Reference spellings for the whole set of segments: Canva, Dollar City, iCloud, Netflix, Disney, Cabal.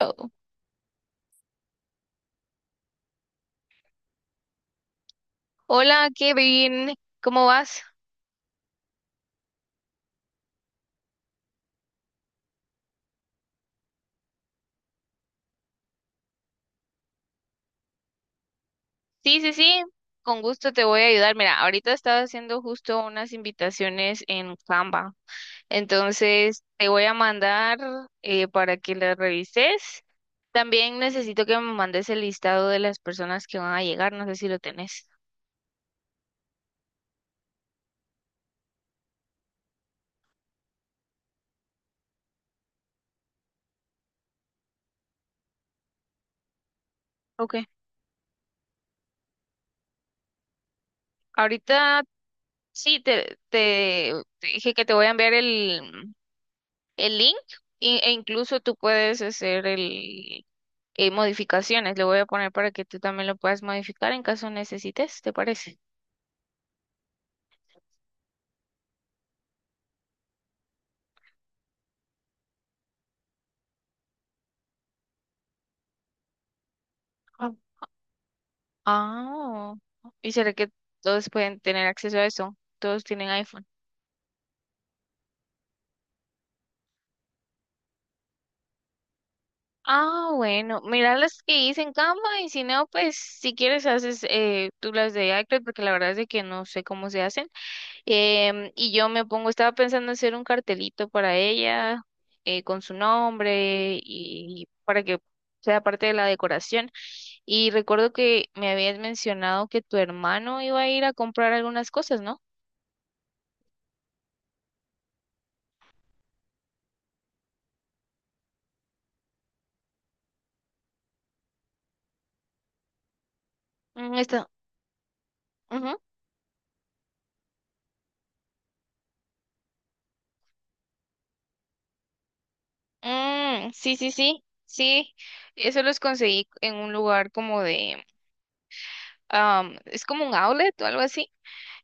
Oh. Hola, Kevin, ¿cómo vas? Sí, sí, sí, con gusto te voy a ayudar. Mira, ahorita estaba haciendo justo unas invitaciones en Canva, entonces te voy a mandar para que las revises. También necesito que me mandes el listado de las personas que van a llegar, no sé si lo tenés. Ok. Ahorita sí, te dije que te voy a enviar el link e incluso tú puedes hacer modificaciones. Le voy a poner para que tú también lo puedas modificar en caso necesites, ¿te parece? Ah, Ah, ¿y será que todos pueden tener acceso a eso? Todos tienen iPhone. Ah, bueno, mira las que hice en Canva y si no, pues si quieres haces tú las de iCloud porque la verdad es de que no sé cómo se hacen. Y yo me pongo, estaba pensando hacer un cartelito para ella, con su nombre y para que sea parte de la decoración. Y recuerdo que me habías mencionado que tu hermano iba a ir a comprar algunas cosas, ¿no? Mm, está. Ujú. Mm, sí, sí, sí, sí. Eso los conseguí en un lugar como de, es como un outlet o algo así.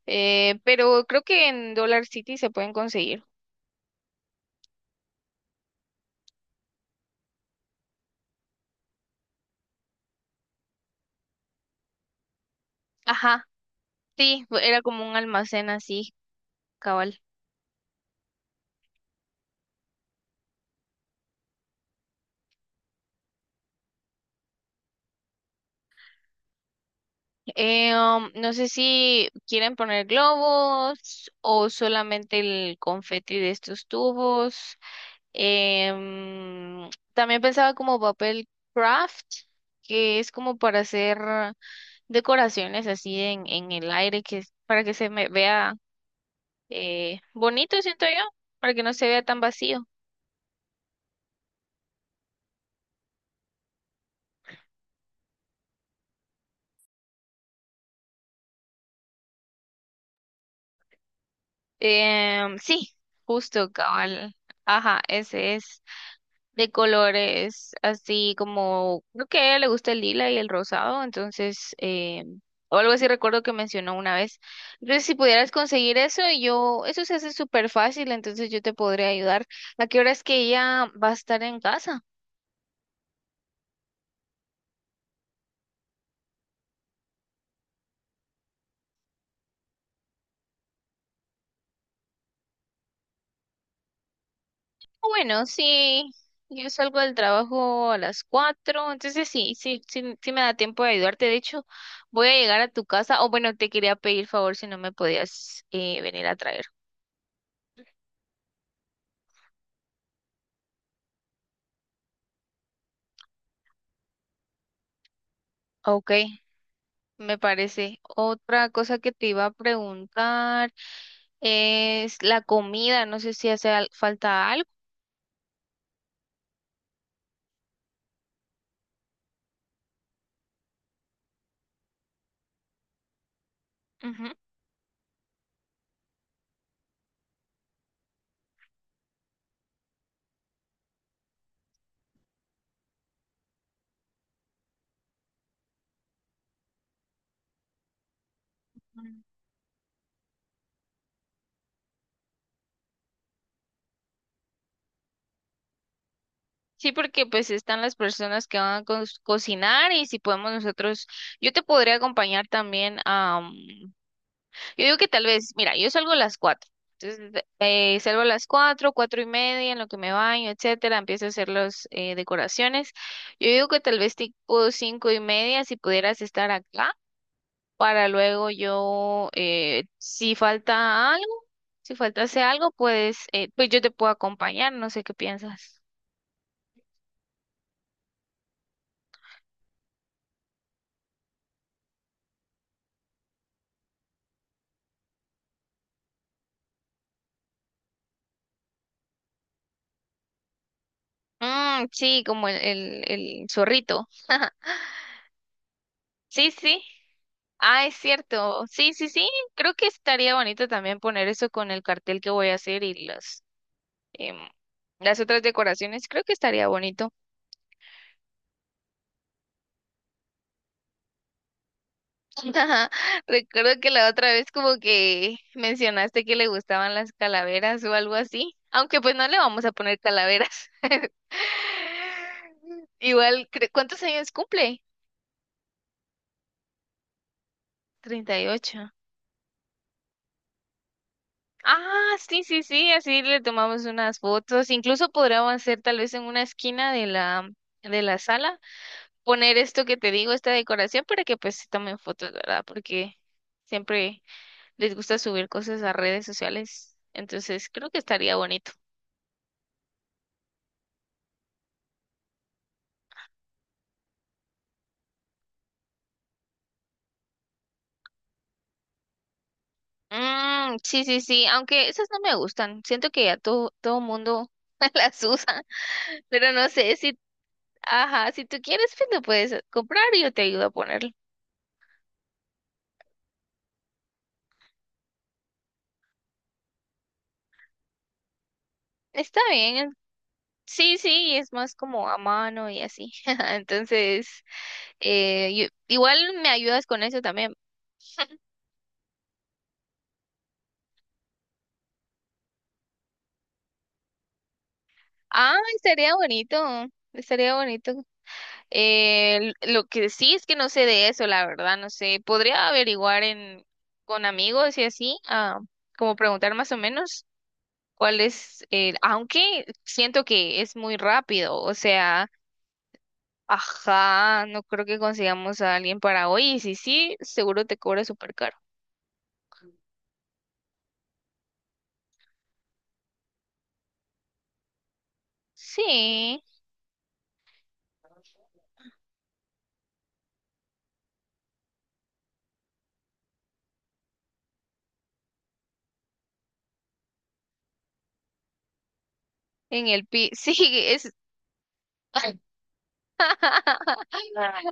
Pero creo que en Dollar City se pueden conseguir. Ajá, sí, era como un almacén así. Cabal. No sé si quieren poner globos o solamente el confeti de estos tubos. También pensaba como papel craft, que es como para hacer decoraciones así en el aire, que es para que se me vea bonito, siento yo, para que no se vea tan vacío. Sí, justo, cabal. Ajá, ese es. De colores así como, creo que a ella le gusta el lila y el rosado, entonces, o algo así recuerdo que mencionó una vez. Entonces, si pudieras conseguir eso, yo, eso se hace súper fácil, entonces yo te podría ayudar. ¿A qué hora es que ella va a estar en casa? Ah, bueno, sí, yo salgo del trabajo a las 4, entonces sí, sí, sí, sí me da tiempo de ayudarte. De hecho, voy a llegar a tu casa, o bueno, te quería pedir favor si no me podías venir a traer. Ok. Me parece. Otra cosa que te iba a preguntar es la comida. No sé si hace al- falta algo. Ujú. Mm. Sí, porque pues están las personas que van a co- cocinar y si podemos nosotros, yo te podría acompañar también yo digo que tal vez, mira, yo salgo a las 4. Entonces, salgo a las 4, 4:30, en lo que me baño, etcétera, empiezo a hacer las decoraciones. Yo digo que tal vez tipo 5:30, si pudieras estar acá. Para luego yo, si falta algo, si faltase algo, pues, yo te puedo acompañar, no sé qué piensas. Mm, sí, como el zorrito. Sí, sí. Ah, es cierto. Sí, sí, sí. Creo que estaría bonito también poner eso con el cartel que voy a hacer y las, em, las otras decoraciones. Creo que estaría bonito. Ajá. Recuerdo que la otra vez como que mencionaste que le gustaban las calaveras o algo así, aunque pues no le vamos a poner calaveras. Igual, cre- ¿cuántos años cumple? 38. Ah, sí, sí, sí, así le tomamos unas fotos. Incluso podríamos hacer tal vez en una esquina de la sala, poner esto que te digo, esta decoración para que pues se tomen fotos, ¿verdad? Porque siempre les gusta subir cosas a redes sociales, entonces creo que estaría bonito. Mm, sí, sí, sí, aunque esas no me gustan, siento que ya todo mundo las usa, pero no sé si, ajá, si tú quieres, pues lo puedes comprar y yo te ayudo a ponerlo. Está bien, sí, sí, es más como a mano y así, entonces, igual me ayudas con eso también. Ah, estaría bonito, estaría bonito. Eh, lo que sí es que no sé de eso, la verdad, no sé. Podría averiguar en con amigos y así, como preguntar más o menos cuál es el, aunque siento que es muy rápido, o sea, ajá, no creo que consigamos a alguien para hoy, y si sí, seguro te cobra súper caro. Sí, sí, es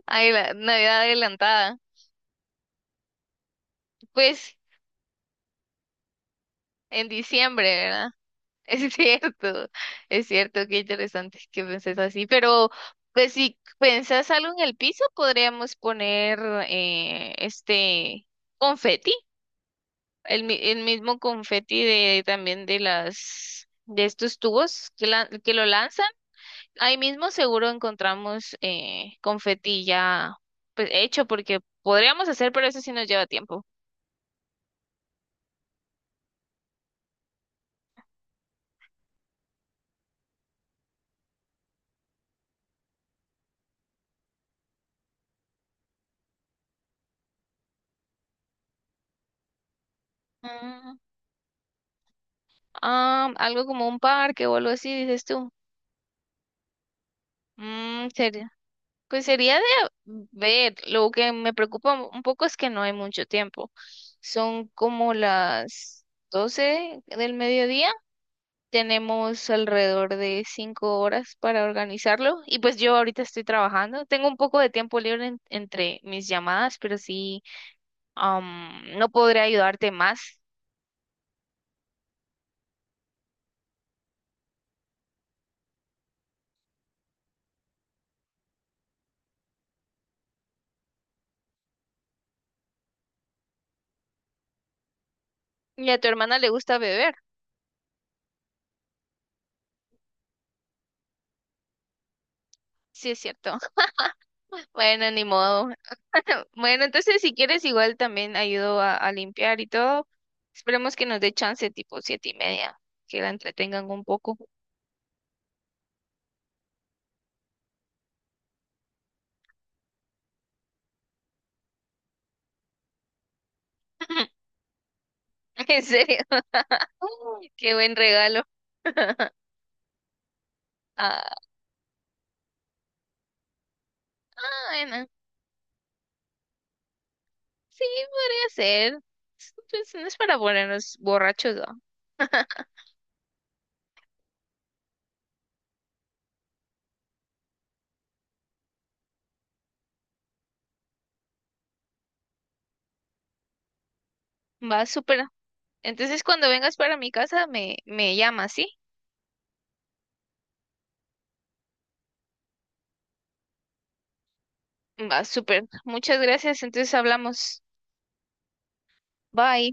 ay, la Navidad adelantada. Pues en diciembre, verdad. Es cierto, es cierto, qué interesante que penses así, pero pues si pensás algo en el piso, podríamos poner este confeti, el mismo confeti de también de estos tubos que lo lanzan. Ahí mismo seguro encontramos confeti ya pues hecho porque podríamos hacer, pero eso sí nos lleva tiempo. Mm, algo como un parque o algo así, dices tú. Mm, sería. Pues sería de ver, lo que me preocupa un poco es que no hay mucho tiempo. Son como las 12 del mediodía. Tenemos alrededor de 5 horas para organizarlo. Y pues yo ahorita estoy trabajando. Tengo un poco de tiempo libre en- entre mis llamadas, pero sí, no podré ayudarte más. Y a tu hermana le gusta beber. Sí, es cierto. Bueno, ni modo. Bueno, entonces si quieres igual también ayudo a limpiar y todo. Esperemos que nos dé chance tipo 7:30, que la entretengan un poco. En serio, qué buen regalo. Ah, ah, bueno, sí, podría ser. Es- pues, no es para ponernos borrachos, ¿no? Va, súper. Entonces cuando vengas para mi casa me, me llamas, ¿sí? Va, súper. Muchas gracias, entonces hablamos. Bye.